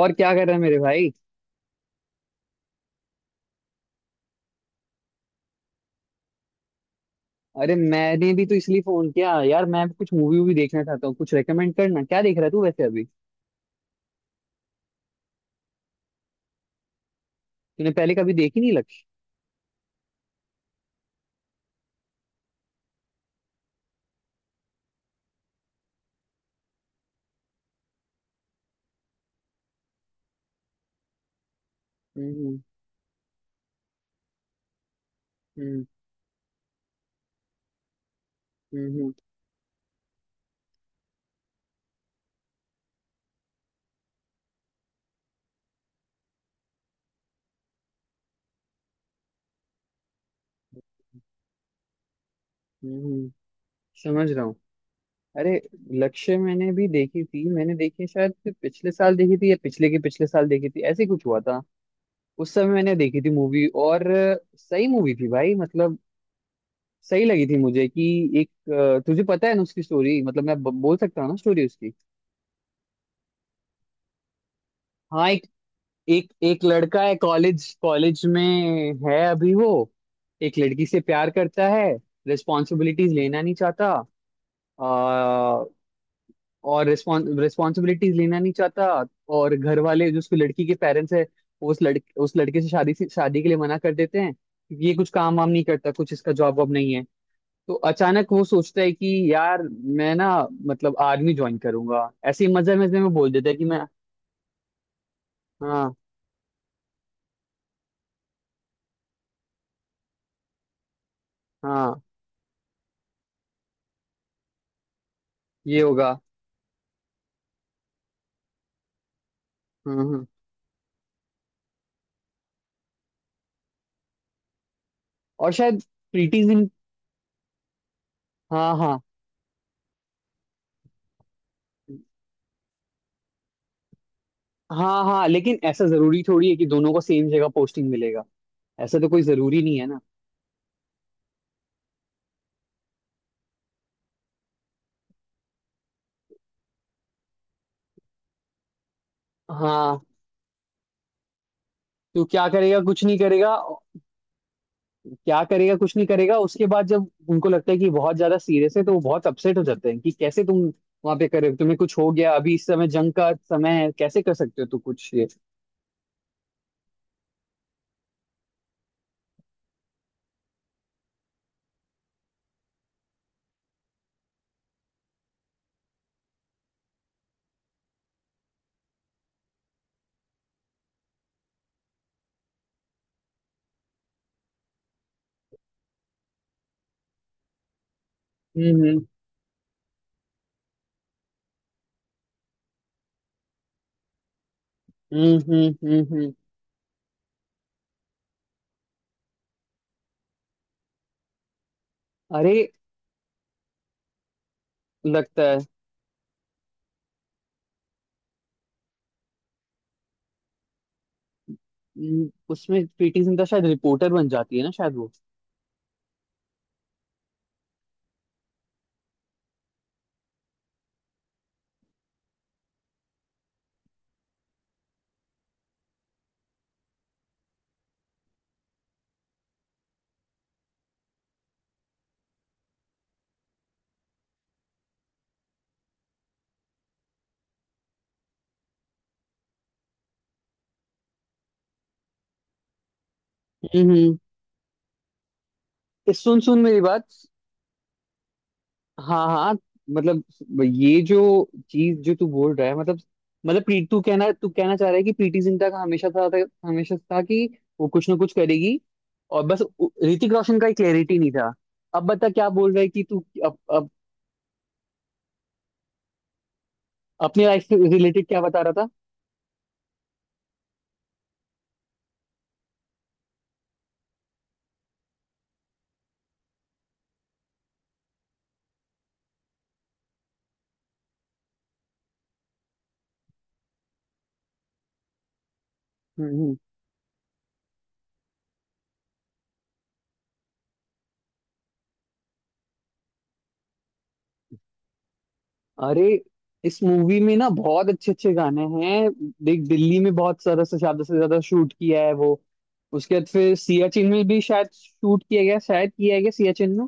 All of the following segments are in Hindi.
और क्या कर रहा है मेरे भाई? अरे मैंने भी तो इसलिए फोन किया यार, मैं भी कुछ मूवी वूवी देखना चाहता हूँ, कुछ रेकमेंड करना। क्या देख रहा है तू वैसे अभी? तूने पहले कभी देखी नहीं लक्ष्य? हम्म, हम्म, हम्म, हम्म, हम्म, हम्म, समझ रहा हूँ। अरे लक्ष्य मैंने भी देखी थी, मैंने देखी शायद कि पिछले साल देखी थी या पिछले के पिछले साल देखी थी, ऐसे ही कुछ हुआ था। उस समय मैंने देखी थी मूवी और सही मूवी थी भाई, मतलब सही लगी थी मुझे कि एक तुझे पता है ना उसकी स्टोरी। मतलब मैं बोल सकता हूँ ना स्टोरी उसकी? हाँ, एक एक एक लड़का है कॉलेज कॉलेज में है अभी वो, एक लड़की से प्यार करता है, रिस्पॉन्सिबिलिटीज लेना नहीं चाहता। आ, और रिस्पॉन्सिबिलिटीज लेना नहीं चाहता। और घर वाले जो उसकी लड़की के पेरेंट्स है, वो उस लड़के से शादी के लिए मना कर देते हैं, क्योंकि ये कुछ काम वाम नहीं करता, कुछ इसका जॉब वॉब नहीं है। तो अचानक वो सोचता है कि यार मैं ना, मतलब आर्मी ज्वाइन करूंगा। ऐसे ही मजे मजे में बोल देता है कि मैं। हाँ हाँ, ये होगा। हम्म, हम्म। और शायद प्रीटीज इन। हाँ हाँ हाँ हाँ, लेकिन ऐसा जरूरी थोड़ी है कि दोनों को सेम जगह पोस्टिंग मिलेगा? ऐसा तो कोई जरूरी नहीं है ना? हाँ, तो क्या करेगा कुछ नहीं करेगा? क्या करेगा कुछ नहीं करेगा? उसके बाद जब उनको लगता है कि बहुत ज्यादा सीरियस है तो वो बहुत अपसेट हो जाते हैं कि कैसे तुम वहां पे करे, तुम्हें कुछ हो गया, अभी इस समय जंग का समय है, कैसे कर सकते हो तू कुछ ये। हम्म, हम्म, हम्म, हम्म, अरे लगता है। उसमें प्रीति जिंटा शायद रिपोर्टर बन जाती है ना, शायद वो। हम्म, सुन सुन मेरी बात। हाँ हाँ, मतलब ये जो चीज जो तू बोल रहा है, मतलब प्री तू कहना चाह रहा है कि प्रीति जिंटा का हमेशा था, हमेशा था कि वो कुछ ना कुछ करेगी। और बस ऋतिक रोशन का एक क्लैरिटी नहीं था। अब बता क्या बोल रहा है कि तू अब अपने लाइफ से रिलेटेड क्या बता रहा था? हम्म। अरे इस मूवी में ना बहुत अच्छे अच्छे गाने हैं। देख दिल्ली में बहुत सारा से ज्यादा शूट किया है वो। उसके बाद फिर सियाचिन में भी शायद शूट किया गया, शायद किया गया सियाचिन में।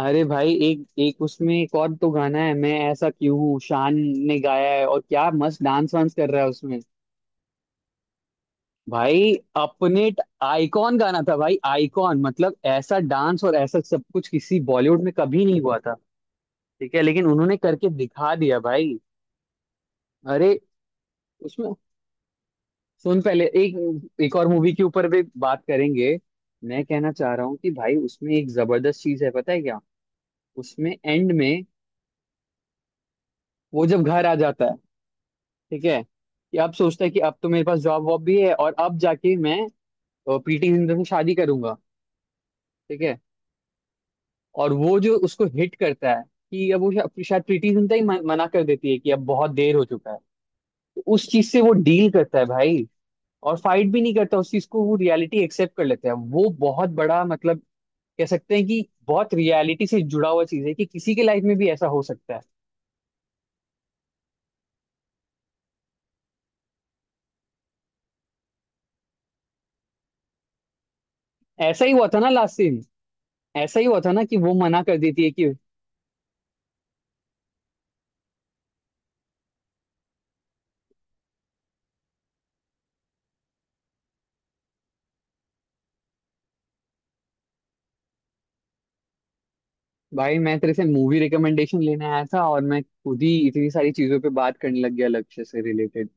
अरे भाई एक एक उसमें एक और तो गाना है, मैं ऐसा क्यों हूँ, शान ने गाया है। और क्या मस्त डांस वांस कर रहा है उसमें। भाई अपने आइकॉन गाना था भाई, आइकॉन मतलब ऐसा डांस और ऐसा सब कुछ किसी बॉलीवुड में कभी नहीं हुआ था। ठीक है, लेकिन उन्होंने करके दिखा दिया भाई। अरे उसमें सुन, पहले एक एक और मूवी के ऊपर भी बात करेंगे। मैं कहना चाह रहा हूँ कि भाई उसमें एक जबरदस्त चीज है, पता है क्या? उसमें एंड में वो जब घर आ जाता है, ठीक है, कि अब सोचता है कि अब तो मेरे पास जॉब वॉब भी है और अब जाके मैं प्रीति जिंटा से शादी करूंगा। ठीक है। और वो जो उसको हिट करता है कि अब वो शायद प्रीति जिंटा ही मना कर देती है कि अब बहुत देर हो चुका है। तो उस चीज से वो डील करता है भाई। और फाइट भी नहीं करता उस चीज को, वो रियलिटी एक्सेप्ट कर लेता है, वो बहुत बड़ा मतलब, कह सकते हैं कि बहुत रियलिटी से जुड़ा हुआ चीज है कि किसी के लाइफ में भी ऐसा हो सकता है। ऐसा ही हुआ था ना लास्ट सीन? ऐसा ही हुआ था ना कि वो मना कर देती है कि? भाई मैं तेरे से मूवी रिकमेंडेशन लेने आया था, और मैं खुद ही इतनी सारी चीजों पे बात करने लग गया लक्ष्य से रिलेटेड।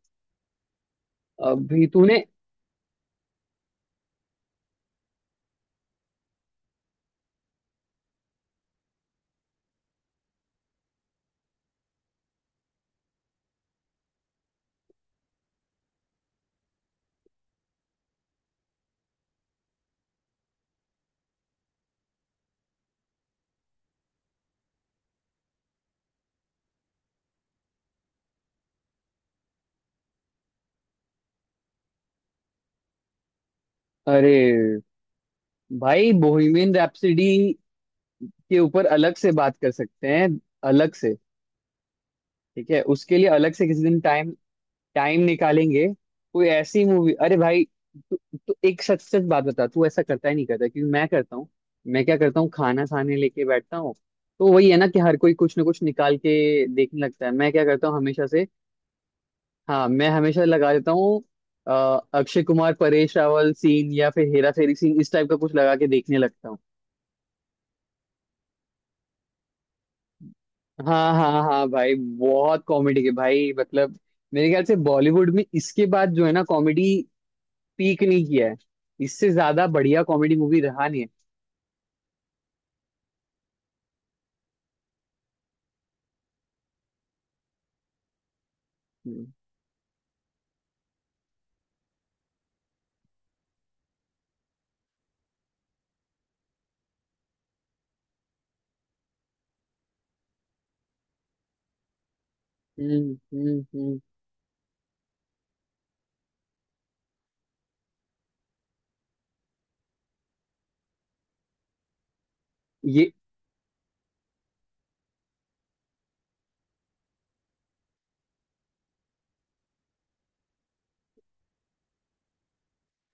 अभी तूने, अरे भाई बोहिमियन रैप्सोडी के ऊपर अलग से बात कर सकते हैं, अलग से। ठीक है, उसके लिए अलग से किसी दिन टाइम टाइम निकालेंगे। कोई ऐसी मूवी, अरे भाई, तू तू एक सच सच बात बता, तू ऐसा करता ही नहीं करता क्योंकि मैं करता हूँ। मैं क्या करता हूँ, खाना खाने लेके बैठता हूँ। तो वही है ना कि हर कोई कुछ ना कुछ निकाल के देखने लगता है। मैं क्या करता हूँ हमेशा से? हाँ मैं हमेशा लगा देता हूँ अ, अक्षय कुमार परेश रावल सीन या फिर हेरा फेरी सीन, इस टाइप का कुछ लगा के देखने लगता हूँ। हाँ हाँ हाँ भाई, बहुत कॉमेडी के भाई, मतलब मेरे ख्याल से बॉलीवुड में इसके बाद जो है ना, कॉमेडी पीक नहीं किया है। इससे ज्यादा बढ़िया कॉमेडी मूवी रहा नहीं है। हम्म, हम्म, हम्म, ये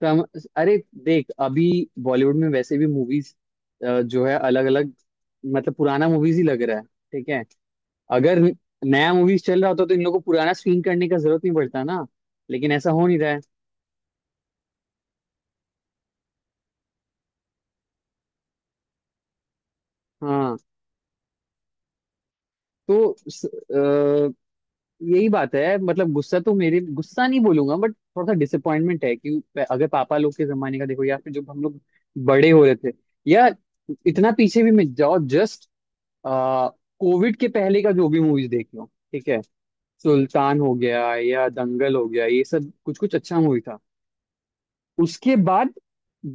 कम, अरे देख अभी बॉलीवुड में वैसे भी मूवीज जो है अलग अलग, मतलब पुराना मूवीज ही लग रहा है। ठीक है, अगर नया मूवीज चल रहा होता तो इन लोगों को पुराना स्क्रीन करने का जरूरत नहीं पड़ता ना। लेकिन ऐसा हो नहीं रहा है। हाँ, तो यही बात है, मतलब गुस्सा तो मेरे, गुस्सा नहीं बोलूंगा बट थोड़ा सा डिसअपॉइंटमेंट है कि अगर पापा लोग के जमाने का देखो या फिर जब हम लोग बड़े हो रहे थे, या इतना पीछे भी मत जाओ, जस्ट कोविड के पहले का जो भी मूवीज देख लो। ठीक है, सुल्तान हो गया या दंगल हो गया, ये सब कुछ कुछ अच्छा मूवी था। उसके बाद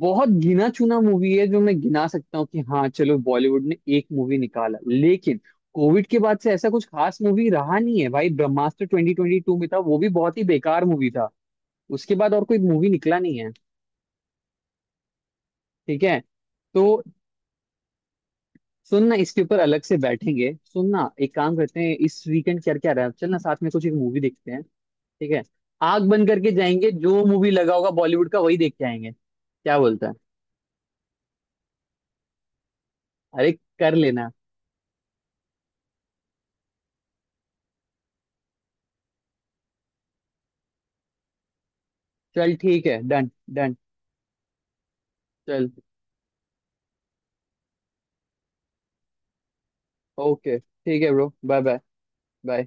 बहुत गिना चुना मूवी है जो मैं गिना सकता हूँ कि हाँ चलो बॉलीवुड ने एक मूवी निकाला, लेकिन कोविड के बाद से ऐसा कुछ खास मूवी रहा नहीं है भाई। ब्रह्मास्त्र 2022 में था, वो भी बहुत ही बेकार मूवी था। उसके बाद और कोई मूवी निकला नहीं है। ठीक है, तो सुनना, इसके ऊपर अलग से बैठेंगे। सुनना, एक काम करते हैं, इस वीकेंड क्या क्या रहा है, चलना साथ में कुछ एक मूवी देखते हैं। ठीक है, आग बंद करके जाएंगे, जो मूवी लगा होगा बॉलीवुड का वही देख के आएंगे, क्या बोलता है? अरे कर लेना। चल ठीक है, डन। डन चल, ओके, ठीक है ब्रो, बाय बाय बाय।